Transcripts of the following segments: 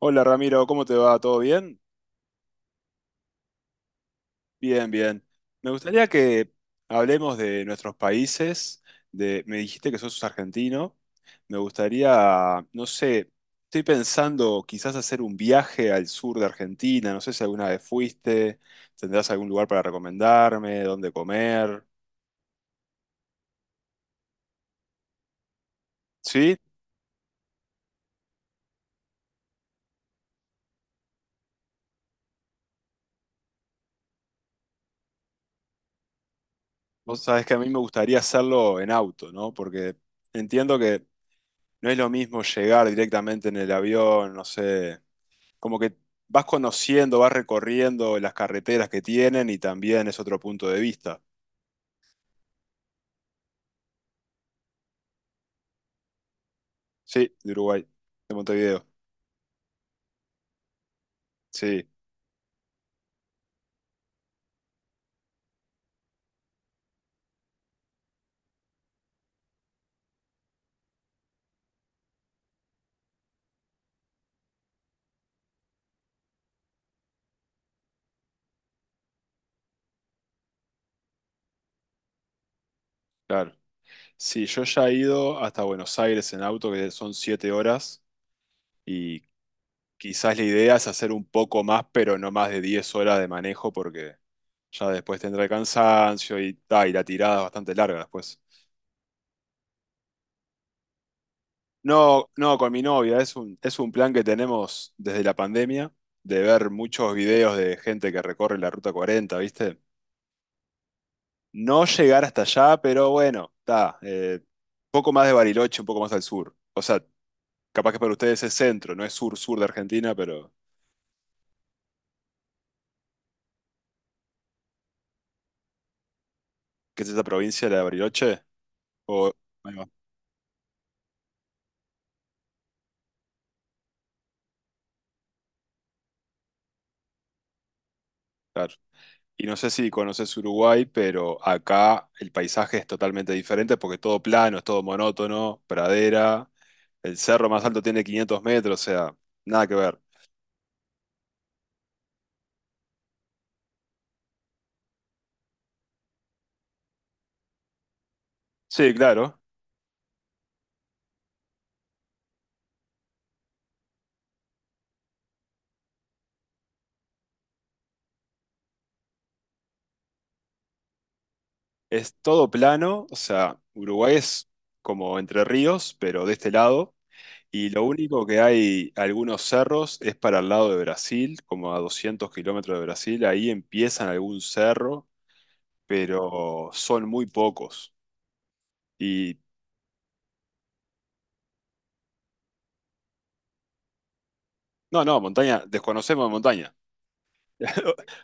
Hola Ramiro, ¿cómo te va? ¿Todo bien? Bien, bien. Me gustaría que hablemos de nuestros países, me dijiste que sos argentino, me gustaría, no sé, estoy pensando quizás hacer un viaje al sur de Argentina, no sé si alguna vez fuiste, tendrás algún lugar para recomendarme, dónde comer. ¿Sí? Vos sabés que a mí me gustaría hacerlo en auto, ¿no? Porque entiendo que no es lo mismo llegar directamente en el avión, no sé, como que vas conociendo, vas recorriendo las carreteras que tienen y también es otro punto de vista. Sí, de Uruguay, de Montevideo. Sí, claro. Sí, yo ya he ido hasta Buenos Aires en auto, que son 7 horas, y quizás la idea es hacer un poco más, pero no más de 10 horas de manejo, porque ya después tendrá el cansancio y, ta, y la tirada es bastante larga después. No, no, con mi novia. Es un plan que tenemos desde la pandemia, de ver muchos videos de gente que recorre la Ruta 40. ¿Viste? No llegar hasta allá, pero bueno, está. Poco más de Bariloche, un poco más al sur. O sea, capaz que para ustedes es centro, no es sur-sur de Argentina, pero ¿qué es esa provincia, la de Bariloche? O, ahí va, claro. Y no sé si conoces Uruguay, pero acá el paisaje es totalmente diferente porque es todo plano, es todo monótono, pradera. El cerro más alto tiene 500 metros, o sea, nada que ver. Sí, claro. Es todo plano, o sea, Uruguay es como Entre Ríos, pero de este lado. Y lo único que hay algunos cerros es para el lado de Brasil, como a 200 kilómetros de Brasil. Ahí empiezan algún cerro, pero son muy pocos. Y no, no, montaña, desconocemos de montaña.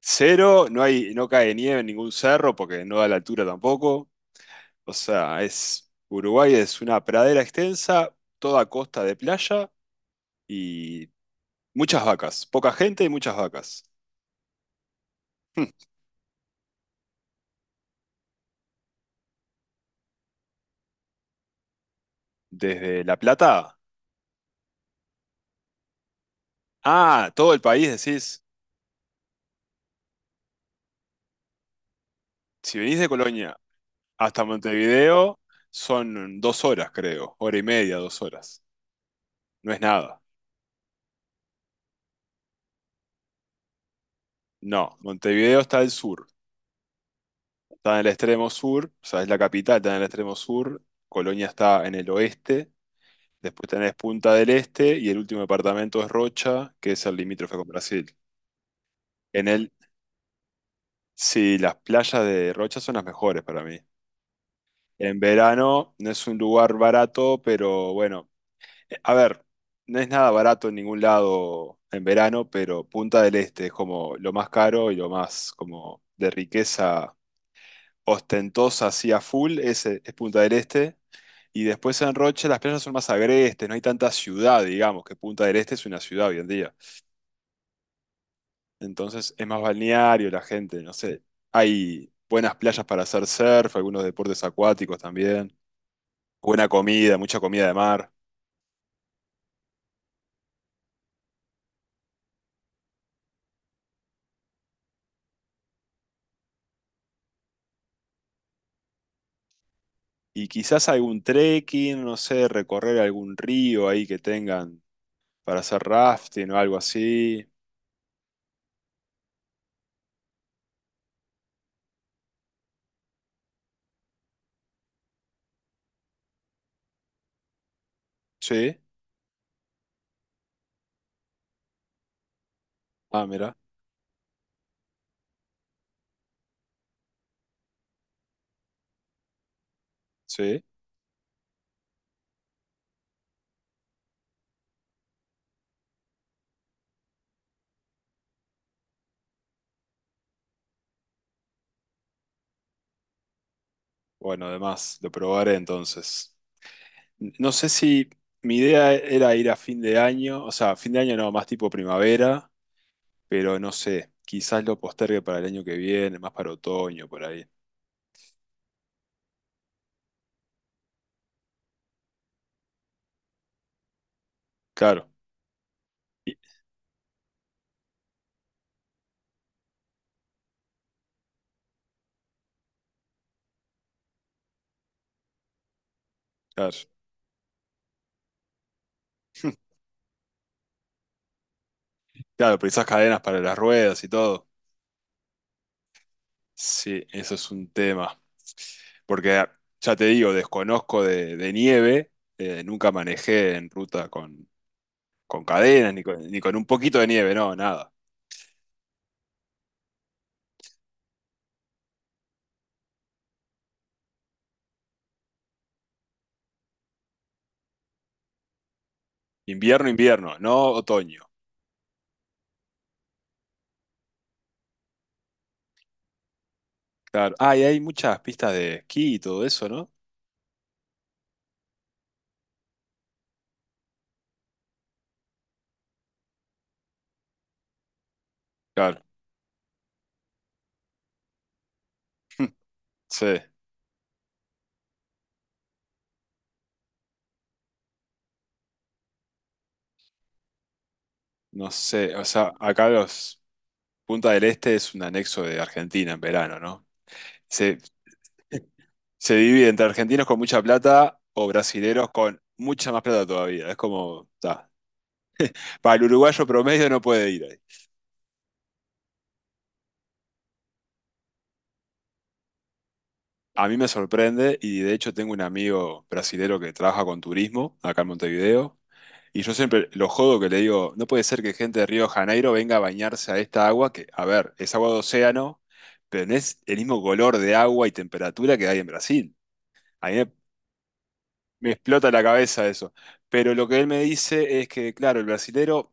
Cero, no hay, no cae nieve en ningún cerro porque no da la altura tampoco. O sea, es, Uruguay es una pradera extensa, toda costa de playa y muchas vacas. Poca gente y muchas vacas. Hm. Desde La Plata. Ah, todo el país, decís. Si venís de Colonia hasta Montevideo, son 2 horas, creo. Hora y media, 2 horas. No es nada. No, Montevideo está al sur. Está en el extremo sur, o sea, es la capital, está en el extremo sur. Colonia está en el oeste. Después tenés Punta del Este y el último departamento es Rocha, que es el limítrofe con Brasil. En él, sí, las playas de Rocha son las mejores para mí. En verano no es un lugar barato, pero bueno, a ver, no es nada barato en ningún lado en verano, pero Punta del Este es como lo más caro y lo más como de riqueza ostentosa así a full, ese es Punta del Este. Y después en Rocha las playas son más agrestes, no hay tanta ciudad, digamos, que Punta del Este es una ciudad hoy en día. Entonces es más balneario la gente, no sé. Hay buenas playas para hacer surf, algunos deportes acuáticos también. Buena comida, mucha comida de mar. Y quizás algún trekking, no sé, recorrer algún río ahí que tengan para hacer rafting o algo así. Sí. Ah, mira. Sí. Bueno, además, lo probaré entonces. No sé si mi idea era ir a fin de año, o sea, fin de año no, más tipo primavera, pero no sé, quizás lo postergue para el año que viene, más para otoño, por ahí. Claro, y- claro, claro, pero esas cadenas para las ruedas y todo. Sí, eso es un tema. Porque ya te digo, desconozco de, nieve, nunca manejé en ruta con cadenas, ni con un poquito de nieve, no, nada. Invierno, invierno, no otoño. Claro. Ah, y hay muchas pistas de esquí y todo eso, ¿no? Claro, sí, no sé, o sea, acá los Punta del Este es un anexo de Argentina en verano, ¿no? Se, se divide entre argentinos con mucha plata o brasileros con mucha más plata todavía. Es como, ta. Para el uruguayo promedio no puede ir ahí. A mí me sorprende y de hecho tengo un amigo brasilero que trabaja con turismo acá en Montevideo y yo siempre lo jodo que le digo, no puede ser que gente de Río de Janeiro venga a bañarse a esta agua que, a ver, es agua de océano, pero no es el mismo color de agua y temperatura que hay en Brasil. A mí me Me explota la cabeza eso. Pero lo que él me dice es que, claro, el brasilero,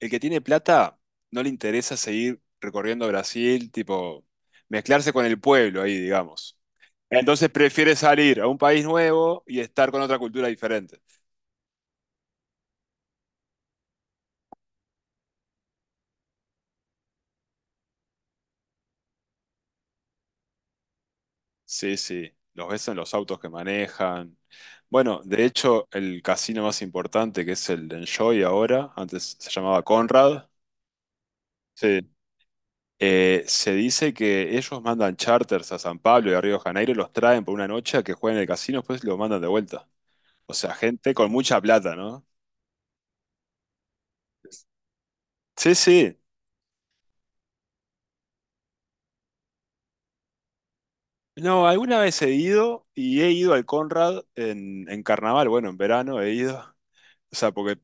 el que tiene plata, no le interesa seguir recorriendo Brasil, tipo, mezclarse con el pueblo ahí, digamos. Entonces prefiere salir a un país nuevo y estar con otra cultura diferente. Sí, sí, los ves en los autos que manejan. Bueno, de hecho, el casino más importante, que es el de Enjoy ahora, antes se llamaba Conrad. Sí. Se dice que ellos mandan charters a San Pablo y a Río de Janeiro, los traen por una noche a que jueguen en el casino, después los mandan de vuelta. O sea, gente con mucha plata, ¿no? Sí, sí. No, alguna vez he ido y he ido al Conrad en carnaval, bueno, en verano he ido. O sea, porque,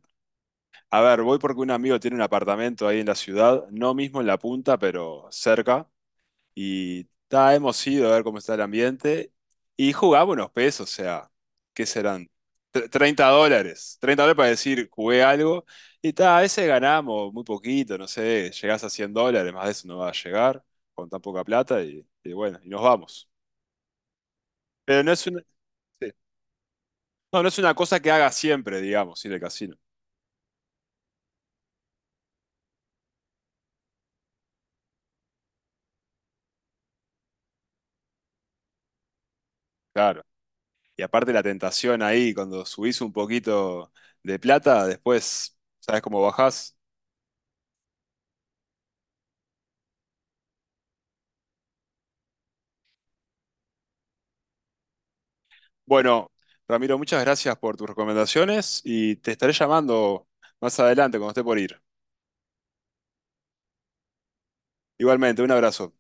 a ver, voy porque un amigo tiene un apartamento ahí en la ciudad, no mismo en la punta, pero cerca. Y ta, hemos ido a ver cómo está el ambiente y jugamos unos pesos, o sea, ¿qué serán? $30. $30 para decir, jugué algo. Y ta, a veces ganamos muy poquito, no sé, llegás a $100, más de eso no va a llegar con tan poca plata y bueno, y nos vamos. Pero no es una, sí. No, no es una cosa que haga siempre, digamos, ir al casino. Claro. Y aparte la tentación ahí, cuando subís un poquito de plata, después, ¿sabes cómo bajás? Bueno, Ramiro, muchas gracias por tus recomendaciones y te estaré llamando más adelante cuando esté por ir. Igualmente, un abrazo.